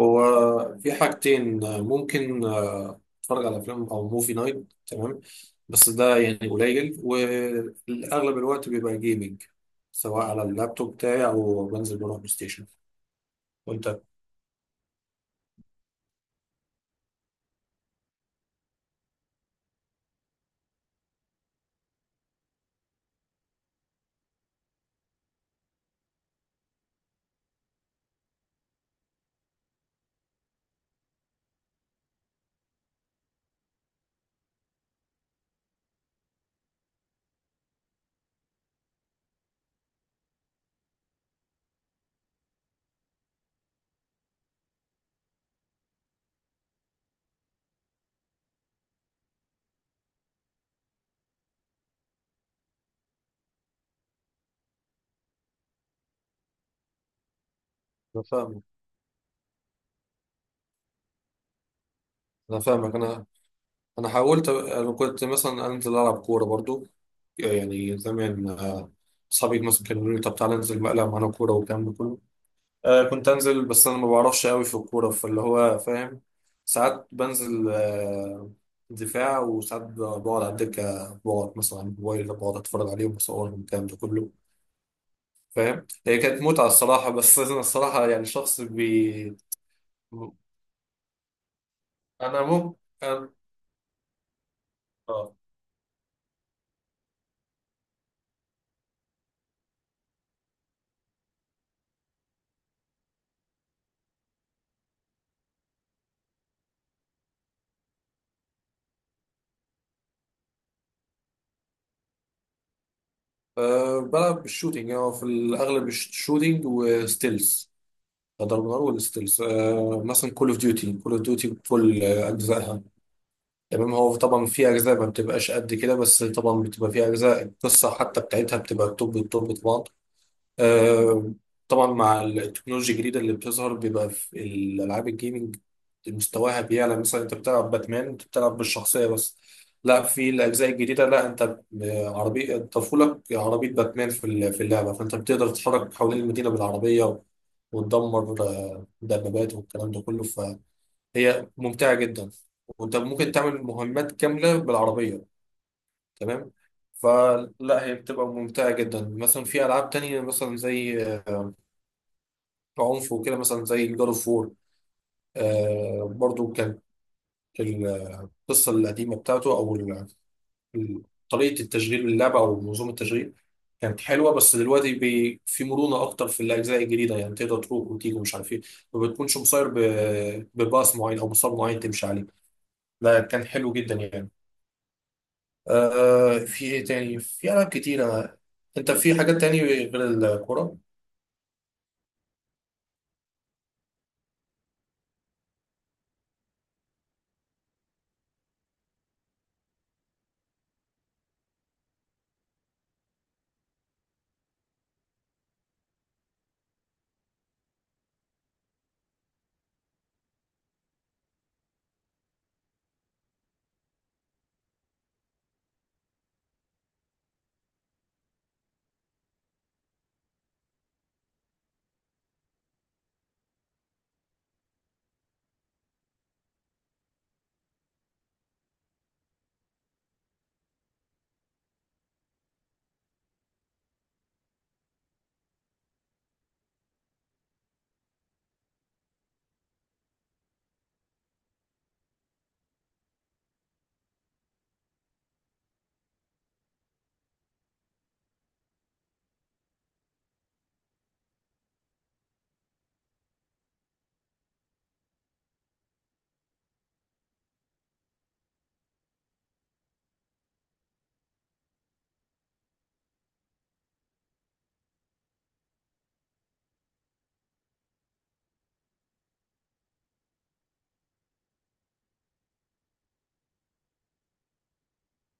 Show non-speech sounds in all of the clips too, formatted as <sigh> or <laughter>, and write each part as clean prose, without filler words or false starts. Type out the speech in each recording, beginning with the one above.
هو في حاجتين. ممكن اتفرج على افلام او موفي نايت. تمام، بس ده يعني قليل، واغلب الوقت بيبقى جيمنج، سواء على اللابتوب بتاعي او بنزل بروح بلاي ستيشن. وانت؟ انا فاهمك انا فاهمك. انا حاولت. انا كنت مثلا انزل العب كوره برضو، يعني زمان. اصحابي مثلا كانوا يقولوا لي: طب تعالى انزل بقى العب معانا كوره والكلام ده كله. آه كنت انزل، بس انا ما بعرفش قوي في الكوره، فاللي هو فاهم. ساعات بنزل دفاع، بقعد على الدكه، بقعد مثلا على الموبايل، بقعد اتفرج عليهم وصورهم والكلام ده كله، فاهم؟ هي كانت متعه الصراحه، بس <laughs> انا الصراحه يعني شخص بي. انا ممكن أنا... اه. بلعب بالشوتينج، يعني هو في الاغلب الشوتينج وستيلز، ضرب نار. والستيلز آه مثلا كول اوف ديوتي، كول اوف ديوتي بكل اجزائها. تمام، هو طبعا في اجزاء ما بتبقاش قد كده، بس طبعا بتبقى في اجزاء القصه حتى بتاعتها بتبقى التوب التوب طبعا. آه، طبعا مع التكنولوجيا الجديده اللي بتظهر بيبقى في الالعاب الجيمنج مستواها بيعلى. مثلا انت بتلعب باتمان، انت بتلعب بالشخصيه بس. لا، في الاجزاء الجديده لا، انت عربيه طفولك، عربيه باتمان في اللعبه، فانت بتقدر تتحرك حوالين المدينه بالعربيه وتدمر دبابات والكلام ده كله. هي ممتعة جدا، وانت ممكن تعمل مهمات كاملة بالعربية، تمام. فلا هي بتبقى ممتعة جدا. مثلا في ألعاب تانية مثلا زي عنف وكده، مثلا زي جاد اوف وور، برضو كانت ال- القصة القديمة بتاعته، أو ال- طريقة التشغيل اللعبة أو منظومة التشغيل كانت حلوة، بس دلوقتي بي في مرونة أكتر في الأجزاء الجديدة، يعني تقدر تروح وتيجي ومش عارف إيه، ما بتكونش مصير بباص معين أو مصاب معين تمشي عليه. ده كان حلو جدا يعني. آه، في ايه تاني؟ في ألعاب كتيرة. انت في حاجات تاني غير الكورة؟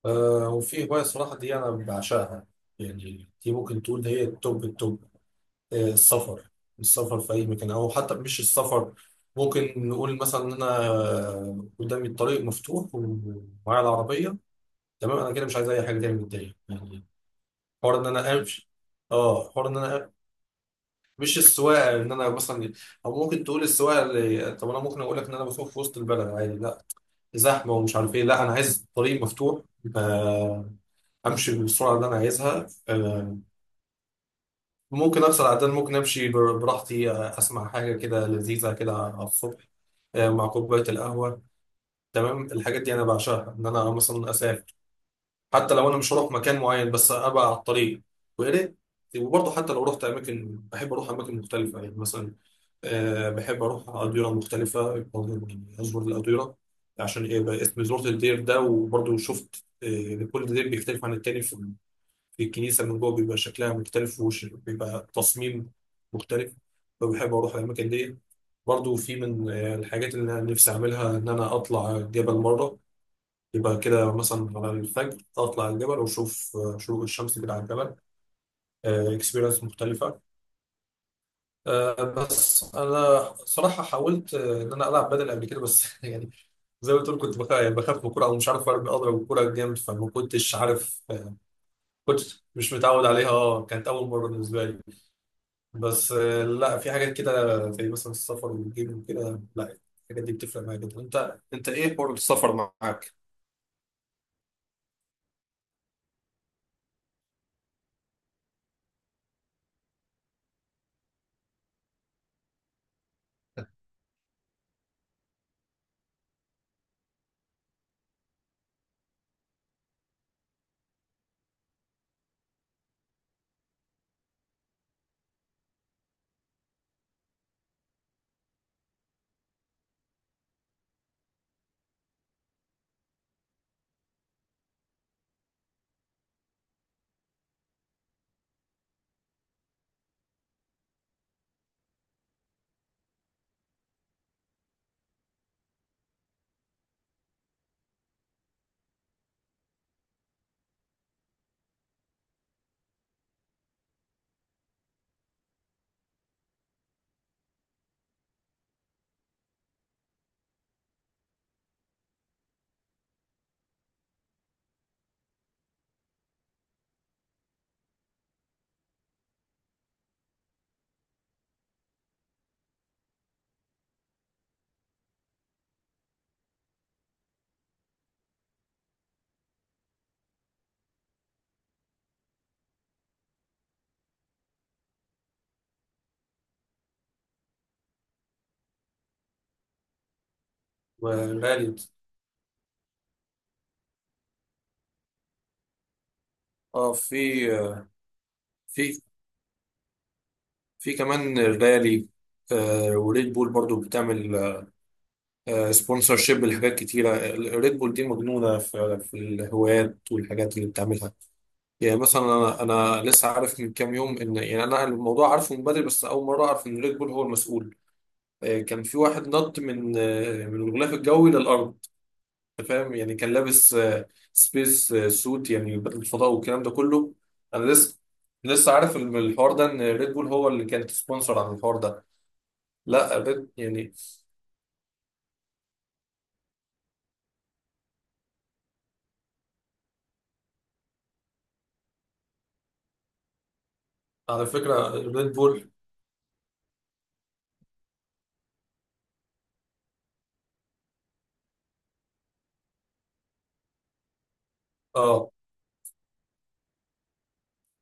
وفي هواية صراحة دي أنا بعشقها، يعني دي ممكن تقول هي التوب التوب. آه، السفر. السفر في أي مكان، أو حتى مش السفر، ممكن نقول مثلا إن أنا قدامي الطريق مفتوح ومعايا العربية، تمام. أنا كده مش عايز أي حاجة تاني من الدنيا يعني. حوار إن أنا أمشي. اه، حوار ان انا أمشي. مش السواقه ان انا مثلا، او ممكن تقول السواقه اللي، طب انا ممكن اقول لك ان انا بسوق في وسط البلد عادي؟ لا، زحمه ومش عارف ايه. لا انا عايز طريق مفتوح، آه، امشي بالسرعه اللي انا عايزها. ممكن اكسر عدد، ممكن امشي براحتي، اسمع حاجه كده لذيذه كده على الصبح، مع كوبايه القهوه، تمام. الحاجات دي انا بعشقها، ان انا مثلا اسافر، حتى لو انا مش هروح مكان معين بس ابقى على الطريق، ويا ريت. وبرضه حتى لو رحت اماكن، بحب اروح اماكن مختلفه، يعني مثلا أه بحب اروح اديره مختلفه، برضه يعني ازور الاديره، عشان ايه بقى اسم زرت الدير ده. وبرضه شفت كل دير بيختلف عن التاني في، في الكنيسه من جوه بيبقى شكلها مختلف، وبيبقى تصميم مختلف، فبحب اروح الاماكن دي. برضه في من الحاجات اللي انا نفسي اعملها، ان انا اطلع جبل مره، يبقى كده مثلا على الفجر اطلع الجبل واشوف شروق الشمس كده على الجبل، اكسبيرينس مختلفه. بس انا صراحه حاولت، ان انا العب بدل قبل كده، بس <laughs> يعني زي ما قلت لك كنت بخاف، يعني بخاف من الكوره او مش عارف اضرب الكوره جامد، فما كنتش عارف. كنت مش متعود عليها، اه، كانت اول مره بالنسبه لي. بس لا، في حاجات كده زي مثلا السفر والجيم وكده، لا الحاجات دي بتفرق معايا جدا. انت ايه حوار السفر معاك؟ وغالي. اه في، في كمان الرالي. وريد بول برضو بتعمل سبونسر شيب لحاجات كتيرة. ريد بول دي مجنونة في الهوايات والحاجات اللي بتعملها. يعني مثلا أنا لسه عارف من كام يوم إن، يعني أنا الموضوع عارفه من بدري، بس أول مرة أعرف إن ريد بول هو المسؤول. كان في واحد نط من، من الغلاف الجوي للأرض. أنت فاهم؟ يعني كان لابس سبيس سوت، يعني بدل الفضاء والكلام ده كله. أنا لسه عارف الحوار ده، إن ريد بول هو اللي كانت سبونسر عن الحوار ده. لا ريد يعني، على فكرة ريد بول. اه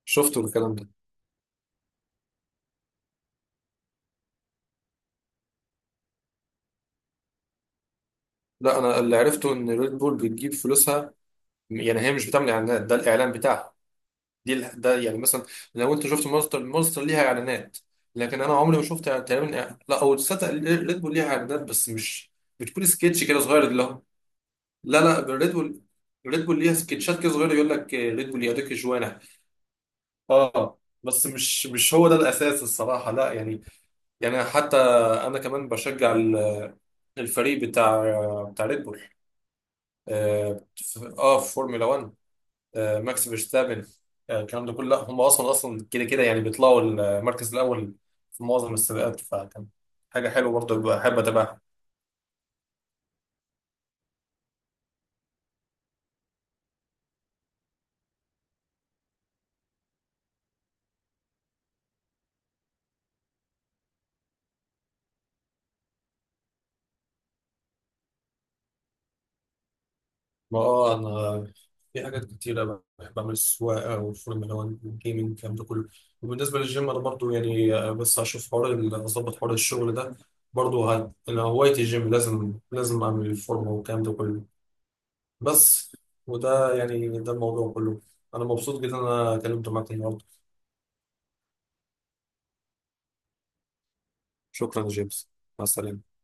شفتوا الكلام ده. لا انا اللي عرفته ان ريد بول بتجيب فلوسها، يعني هي مش بتعمل اعلانات، ده الاعلان بتاعها ده يعني مثلا لو انت شفت مونستر، مونستر ليها اعلانات. لكن انا عمري ما شفت تقريبا لا، او تصدق ريد بول ليها اعلانات بس مش بتكون سكتش كده صغير اللي هو. لا ريد بول، ريد بول ليها سكتشات كده صغيره، يقول لك ريد بول يديك جوانح. اه، بس مش هو ده الاساس الصراحه، لا يعني. يعني حتى انا كمان بشجع الفريق بتاع ريد بول. اه في، في فورمولا 1، ماكس فيرستابن، الكلام ده كله. لا هم اصلا، اصلا كده كده يعني بيطلعوا المركز الاول في معظم السباقات، فكان حاجه حلوه برضه بحب اتابعها. ما اه انا في حاجات كتيرة بحب اعمل: السواقة والفورمولا 1 والجيمنج، الكلام ده كله. وبالنسبة للجيم انا برضو يعني، بس هشوف حوار هظبط حوار الشغل ده، برضو انا هوايتي الجيم، لازم اعمل الفورمة والكلام ده كله. بس وده يعني ده الموضوع كله. انا مبسوط جدا إن انا اتكلمت معاك النهارده. شكرا يا جيمس، مع السلامة.